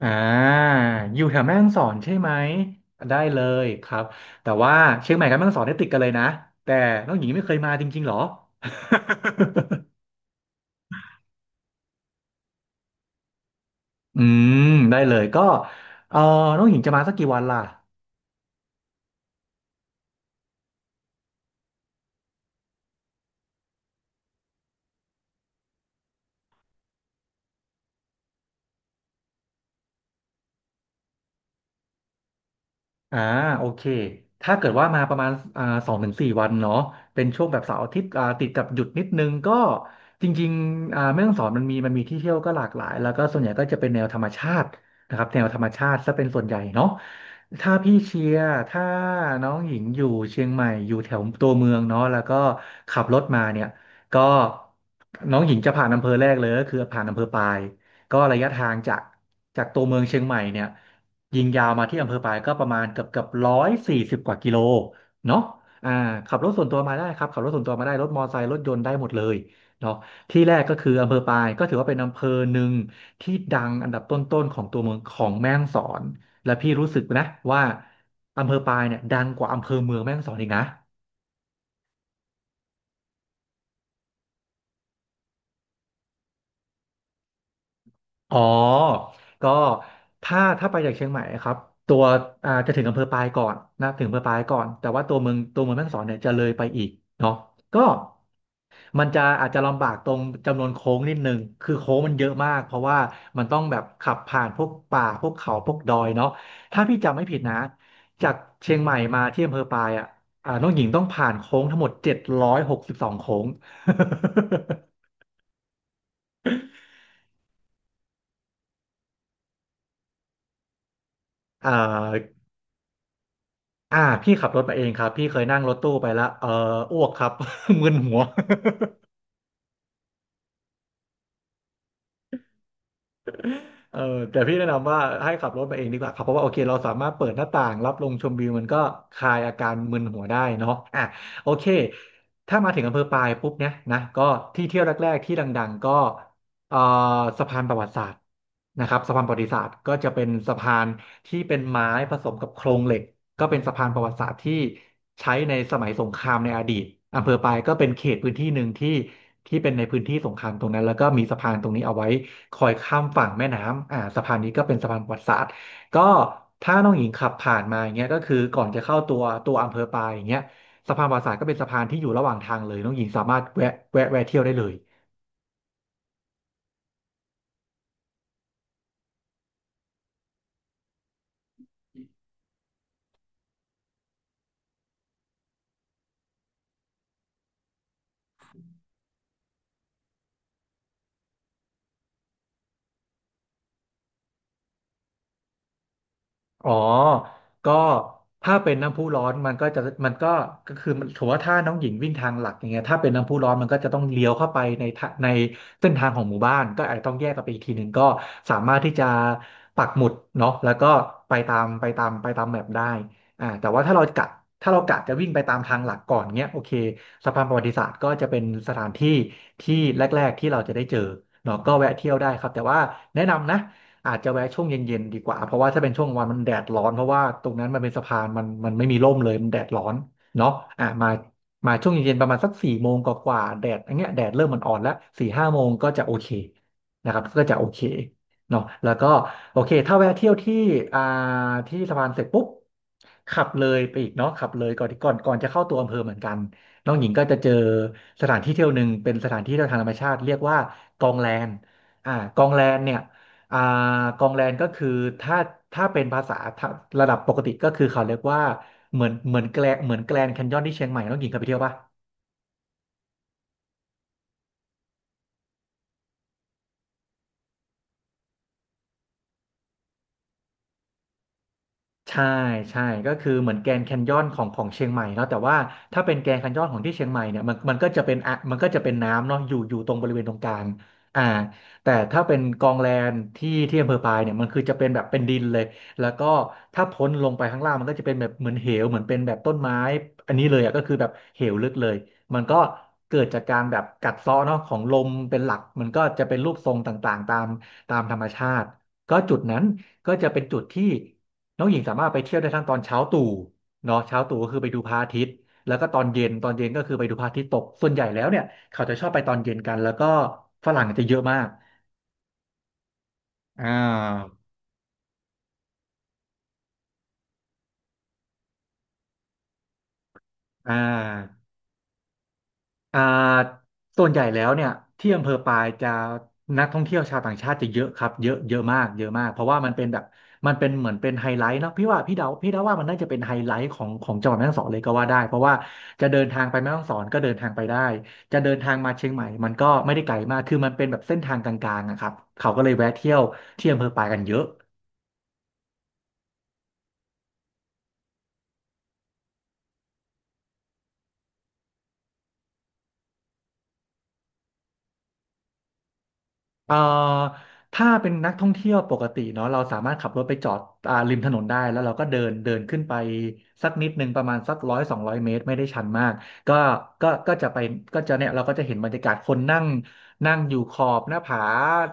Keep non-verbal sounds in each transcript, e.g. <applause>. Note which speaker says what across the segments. Speaker 1: อ่าอยู่แถวแม่ฮ่องสอนใช่ไหมได้เลยครับแต่ว่าเชียงใหม่กับแม่ฮ่องสอนเนี่ยติดกันเลยนะแต่น้องหญิงไม่เคยมาจริงๆหรอ <laughs> อืมได้เลยก็เออน้องหญิงจะมาสักกี่วันล่ะ อ่าโอเคถ้าเกิดว่ามาประมาณ2 ถึง 4 วันเนาะเป็นช่วงแบบเสาร์อาทิตย์ติดกับหยุดนิดนึงก็จริงๆแม่ฮ่องสอนมันมีที่เที่ยวก็หลากหลายแล้วก็ส่วนใหญ่ก็จะเป็นแนวธรรมชาตินะครับแนวธรรมชาติซะเป็นส่วนใหญ่เนาะถ้าพี่เชียร์ถ้าน้องหญิงอยู่เชียงใหม่อยู่แถวตัวเมืองเนาะแล้วก็ขับรถมาเนี่ยก็น้องหญิงจะผ่านอำเภอแรกเลยก็คือผ่านอำเภอปายก็ระยะทางจากตัวเมืองเชียงใหม่เนี่ย ยิงยาวมาที่อำเภอปายก็ประมาณเกือบ140 กว่ากิโลเนาะอ่าขับรถส่วนตัวมาได้ครับขับรถส่วนตัวมาได้รถมอเตอร์ไซค์รถยนต์ได้หมดเลยเนาะที่แรกก็คืออำเภอปายก็ถือว่าเป็นอำเภอหนึ่งที่ดังอันดับต้นๆของตัวเมืองของแม่ฮ่องสอนและพี่รู้สึกนะว่าอำเภอปายเนี่ยดังกว่าอำเภอเมืองแม่ฮ่องสอนอีกนะอ๋อก็ถ้าไปจากเชียงใหม่ครับตัวจะถึงอำเภอปายก่อนนะถึงอำเภอปายก่อนแต่ว่าตัวเมืองแม่ฮ่องสอนเนี่ยจะเลยไปอีกเนาะก็ มันจะอาจจะลำบากตรงจำนวนโค้งนิดนึงคือโค้งมันเยอะมากเพราะว่ามันต้องแบบขับผ่านพวกป่าพวกเขาพวกดอยเนาะถ้าพี่จำไม่ผิดนะจากเชียงใหม่มาที่อำเภอปายอ่ะน้องหญิงต้องผ่านโค้งทั้งหมด762 โค้ง <laughs> อ่าพี่ขับรถมาเองครับพี่เคยนั่งรถตู้ไปแล้วเอออ้วกครับ <laughs> มึนหัว เออแต่พี่แนะนำว่าให้ขับรถมาเองดีกว่าครับเพราะว่าโอเคเราสามารถเปิดหน้าต่างรับลมชมวิวมันก็คลายอาการมึนหัวได้เนาะอ่ะโอเคถ้ามาถึงอำเภอปายปุ๊บเนี่ยนะก็ที่เที่ยวแรกๆที่ดังๆก็เอ่อสะพานประวัติศาสตร์นะครับสะพานประวัติศาสตร์ก็จะเป็นสะพานที่เป็นไม้ผสมกับโครงเหล็กก็เป็นสะพานประวัติศาสตร์ที่ใช้ในสมัยสงครามในอดีตอำเภอปายก็เป็นเขตพื้นที่หนึ่งที่เป็นในพื้นที่สงครามตรงนั้นแล้วก็มีสะพานตรงนี้เอาไว้ คอยข้ามฝั่งแม่น้ำอ่าสะพานนี้ก็เป็นสะพานประวัติศาสตร์ก็ถ้าน้องหญิงขับผ่านมาอย่างเงี้ยก็คือก่อนจะเข้าตัวอำเภอปายอย่างเงี้ยสะพานประวัติศาสตร์ก็เป็นสะพานที่อยู่ระหว่างทางเลยน้องหญิงสามารถแวะแวะเที่ยวได้เลย อ๋อก็ถ้าเป็นน้ำพุร้อนมันก็ก็คือมันถือว่าถ้าน้องหญิงวิ่งทางหลักอย่างเงี้ยถ้าเป็นน้ำพุร้อนมันก็จะต้องเลี้ยวเข้าไปในทะในเส้นทางของหมู่บ้านก็อาจจะต้องแยกกันไปอีกทีหนึ่งก็สามารถที่จะปักหมุดเนาะแล้วก็ไปตามแมปได้อ่าแต่ว่าถ้าเรากะจะวิ่งไปตามทางหลักก่อนเงี้ยโอเคสะพานประวัติศาสตร์ก็จะเป็นสถานที่ที่แรกๆที่เราจะได้เจอเนาะก็แวะเที่ยวได้ครับแต่ว่าแนะนำนะ อาจจะแวะช่วงเย็นๆดีกว่าเพราะว่าถ้าเป็นช่วงกลางวันมันแดดร้อนเพราะว่าตรงนั้นมันเป็นสะพานมันไม่มีร่มเลยมันแดดร้อนเนาะอ่ะมาช่วงเย็นๆประมาณสัก4 โมงกว่าๆแดดอย่างเงี้ยแดดเริ่มมันอ่อนแล้ว4 5 โมงก็จะโอเคนะครับก็จะโอเคเนาะแล้วก็โอเคถ้าแวะเที่ยวที่อ่าที่สะพานเสร็จปุ๊บขับเลยไปอีกเนาะขับเลยก่อนจะเข้าตัวอำเภอเหมือนกันน้องหญิงก็จะเจอสถานที่เที่ยวหนึ่งเป็นสถานที่เที่ยวทางธรรมชาติเรียกว่ากองแลนกองแลนเนี่ย อ่ากองแรงก็คือถ้าถ้าเป็นภาษาระดับปกติก็คือเขาเรียกว่าเหมือนแกลงเหมือนแกลนด์แคนยอนที่เชียงใหม่น้องหญิงเคยไปเที่ยวป่ะ ใช่ใช่ก็คือเหมือนแกรนด์แคนยอนของเชียงใหม่เนาะแต่ว่าถ้าเป็นแกรนด์แคนยอนของที่เชียงใหม่เนี่ยมันก็จะเป็นมันก็จะเป็นน้ำเนาะอยู่ตรงบริเวณตรงกลางอ่าแต่ถ้าเป็นกองแลนที่อำเภอปายเนี่ยมันคือจะเป็นแบบเป็นดินเลยแล้วก็ถ้าพ้นลงไปข้างล่างมันก็จะเป็นแบบเหมือนเหวเหมือนเป็นแบบต้นไม้อันนี้เลยอ่ะก็คือแบบเหวลึกเลยมันก็เกิดจากการแบบกัดเซาะเนาะของลมเป็นหลักมันก็จะเป็นรูปทรงต่างๆตามธรรมชาติก็จุดนั้นก็จะเป็นจุดที่ น้องหญิงสามารถไปเที่ยวได้ทั้งตอนเช้าตู่เนาะเช้าตู่ก็คือไปดูพระอาทิตย์แล้วก็ตอนเย็นก็คือไปดูพระอาทิตย์ตกส่วนใหญ่แล้วเนี่ยเขาจะชอบไปตอนเย็นกันแล้วก็ฝรั่งจะเยอะมากอ่าอ่า อ่าส่วนใหญ่แล้วเนี่ยที่อำเภอปายจะนักท่องเที่ยวชาวต่างชาติจะเยอะครับเยอะเยอะมากเยอะมากเพราะว่ามันเป็นแบบมันเป็นเหมือนเป็นไฮไลท์เนาะพี่ว่าพี่เดาว่ามันน่าจะเป็นไฮไลท์ของจังหวัดแม่ฮ่องสอนเลยก็ว่าได้เพราะว่าจะเดินทางไปแม่ฮ่องสอนก็เดินทางไปได้จะเดินทางมาเชียงใหม่มันก็ไม่ได้ไกลมากคือมันเป็นแบบเส้นทางกลางๆอะครับเขาก็เลยแวะเที่ยวที่อำเภอปายกันเยอะ เอ่อถ้าเป็นนักท่องเที่ยวปกติเนาะเราสามารถขับรถไปจอดริมถนนได้แล้วเราก็เดินเดินขึ้นไปสักนิดนึงประมาณสักร้อยสองร้อยเมตรไม่ได้ชันมากก็ก็จะไปก็จะเนี่ยเราก็จะเห็นบรรยากาศคนนั่งนั่งอยู่ขอบหน้าผา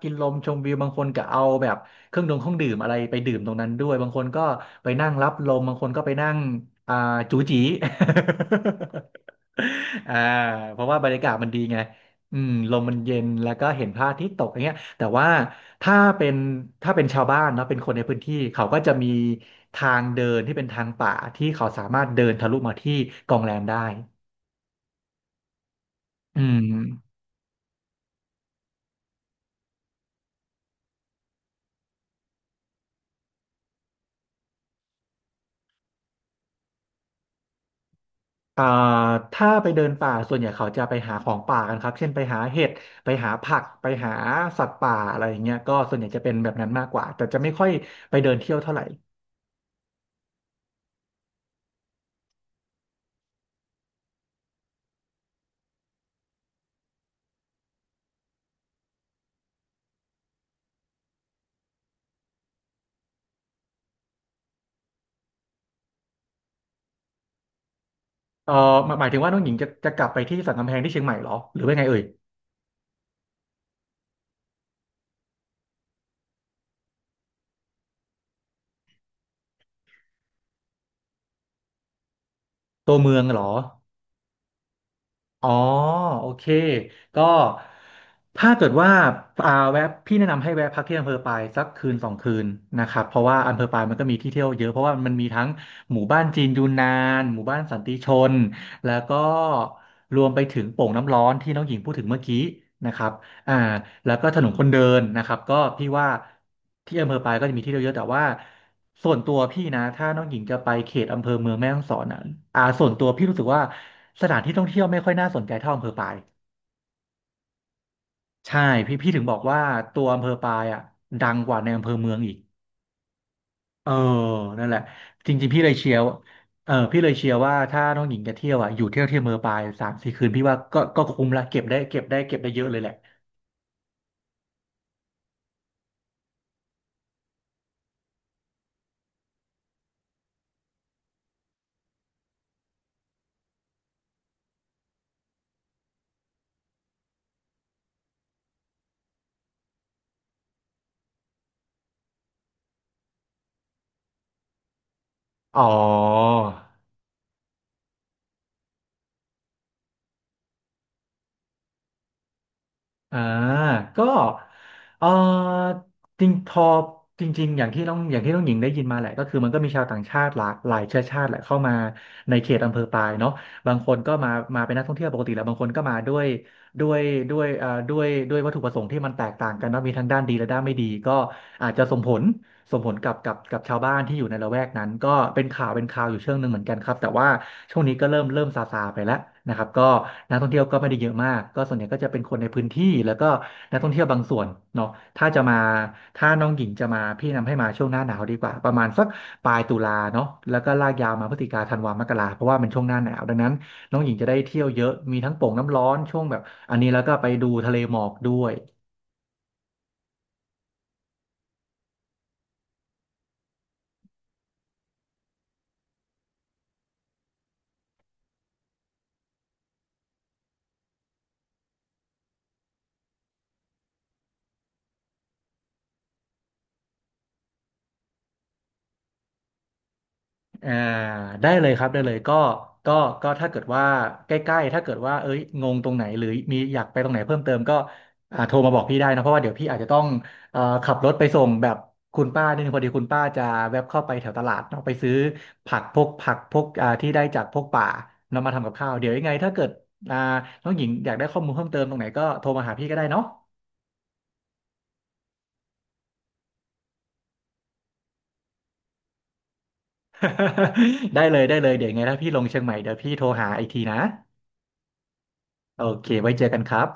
Speaker 1: กินลมชมวิวบางคนก็เอาแบบเครื่องดื่มอะไรไปดื่มตรงนั้นด้วยบางคนก็ไปนั่งรับลมบางคนก็ไปนั่งอ่าจูจี <laughs> อ่าเพราะว่าบรรยากาศมันดีไง อืมลมมันเย็นแล้วก็เห็นพระอาทิตย์ตกอย่างเงี้ยแต่ว่าถ้าเป็นถ้าเป็นชาวบ้านเนาะเป็นคนในพื้นที่เขาก็จะมีทางเดินที่เป็นทางป่าที่เขาสามารถเดินทะลุมาที่กองแรมได้อืมอ่าถ้าไปเดินป่าส่วนใหญ่เขาจะไปหาของป่ากันครับเช่นไปหาเห็ดไปหาผักไปหาสัตว์ป่าอะไรอย่างเงี้ยก็ส่วนใหญ่จะเป็นแบบนั้นมากกว่าแต่จะไม่ค่อยไปเดินเที่ยวเท่าไหร่เออหมายถึงว่าน้องหญิงจะกลับไปที่สันกำแพงที่เชียงใหม่เหรอหรือว่าไงเอ่ยตัวเมืองเหรอ อ๋อโอเคก็ถ้าเกิดว่าแวะพี่แนะนำให้แวะพักที่อำเภอปายสักคืนสองคืนนะครับเพราะว่าอำเภอปายมันก็มีที่เที่ยวเยอะเพราะว่ามันมีทั้งหมู่บ้านจีนยูนนานหมู่บ้านสันติชนแล้วก็รวมไปถึงโป่งน้ำร้อนที่น้องหญิงพูดถึงเมื่อกี้นะครับ อ่าแล้วก็ถนนคนเดินนะครับก็พี่ว่าที่อำเภอปายก็จะมีที่เที่ยวเยอะแต่ว่าส่วนตัวพี่นะถ้าน้องหญิงจะไปเขตอำเภอเมืองแม่ฮ่องสอนอ่ะส่วนตัวพี่รู้สึกว่าสถานที่ท่องเที่ยวไม่ค่อยน่าสนใจเท่าอำเภอปายใช่พี่ถึงบอกว่าตัวอำเภอปายอ่ะดังกว่าในอำเภอเมืองอีกเออนั่นแหละจริงๆพี่เลยเชียร์ว่าเออพี่เลยเชียร์ว่าถ้าน้องหญิงจะเที่ยวอ่ะอยู่เที่ยวที่อำเภอปายสามสี่คืนพี่ว่าก็คุ้มละเก็บได้เยอะเลยแหละอ๋อ อ่าก็เออจริงพอจริงๆอย่างที่น้องอย่างที่น้องหญิงได้ยินมาแหละก็คือมันก็มีชาวต่างชาติหลากหลายเชื้อชาติแหละเข้ามาในเขตอำเภอปายเนาะบางคนก็มาเป็นนักท่องเที่ยวปกติแหละบางคนก็มาด้วยด้วยด้วยวัตถุประสงค์ที่มันแตกต่างกันเนาะมีทั้งด้านดีและด้านไม่ดีก็อาจจะส่งผล กับชาวบ้านที่อยู่ในละแวกนั้นก็เป็นข่าวอยู่เชิงหนึ่งเหมือนกันครับแต่ว่าช่วงนี้ก็เริ่มซาไปแล้วนะครับก็นักท่องเที่ยวก็ไม่ได้เยอะมากก็ส่วนใหญ่ก็จะเป็นคนในพื้นที่แล้วก็นักท่องเที่ยวบางส่วนเนาะถ้าจะมาถ้าน้องหญิงจะมาพี่แนะนำให้มาช่วงหน้าหนาวดีกว่าประมาณสักปลายตุลาเนาะแล้วก็ลากยาวมาพฤศจิกาธันวามกราเพราะว่าเป็นช่วงหน้าหนาวดังนั้นน้องหญิงจะได้เที่ยวเยอะมีทั้งโป่งน้ำร้อนช่วงแบบอันนี้แล้วก็ไปดูทะเลหมอกด้วย อ่าได้เลยครับได้เลยก็ก็ถ้าเกิดว่าใกล้ๆถ้าเกิดว่าเอ้ยงงตรงไหนหรือมีอยากไปตรงไหนเพิ่มเติมก็โทรมาบอกพี่ได้นะเพราะว่าเดี๋ยวพี่อาจจะต้องขับรถไปส่งแบบคุณป้านิดนึงพอดีคุณป้าจะแวบเข้าไปแถวตลาดเนาะไปซื้อผักพวกที่ได้จากพวกป่านำมาทำกับข้าวเดี๋ยวยังไงถ้าเกิดอ่าน้องหญิงอยากได้ข้อมูลเพิ่มเติมตรงไหนก็โทรมาหาพี่ก็ได้เนาะ <laughs> ได้เลยได้เลยเดี๋ยวยังไงถ้าพี่ลงเชียงใหม่เดี๋ยวพี่โทรหาอีกทีนะโอเคไว้เจอกันครับ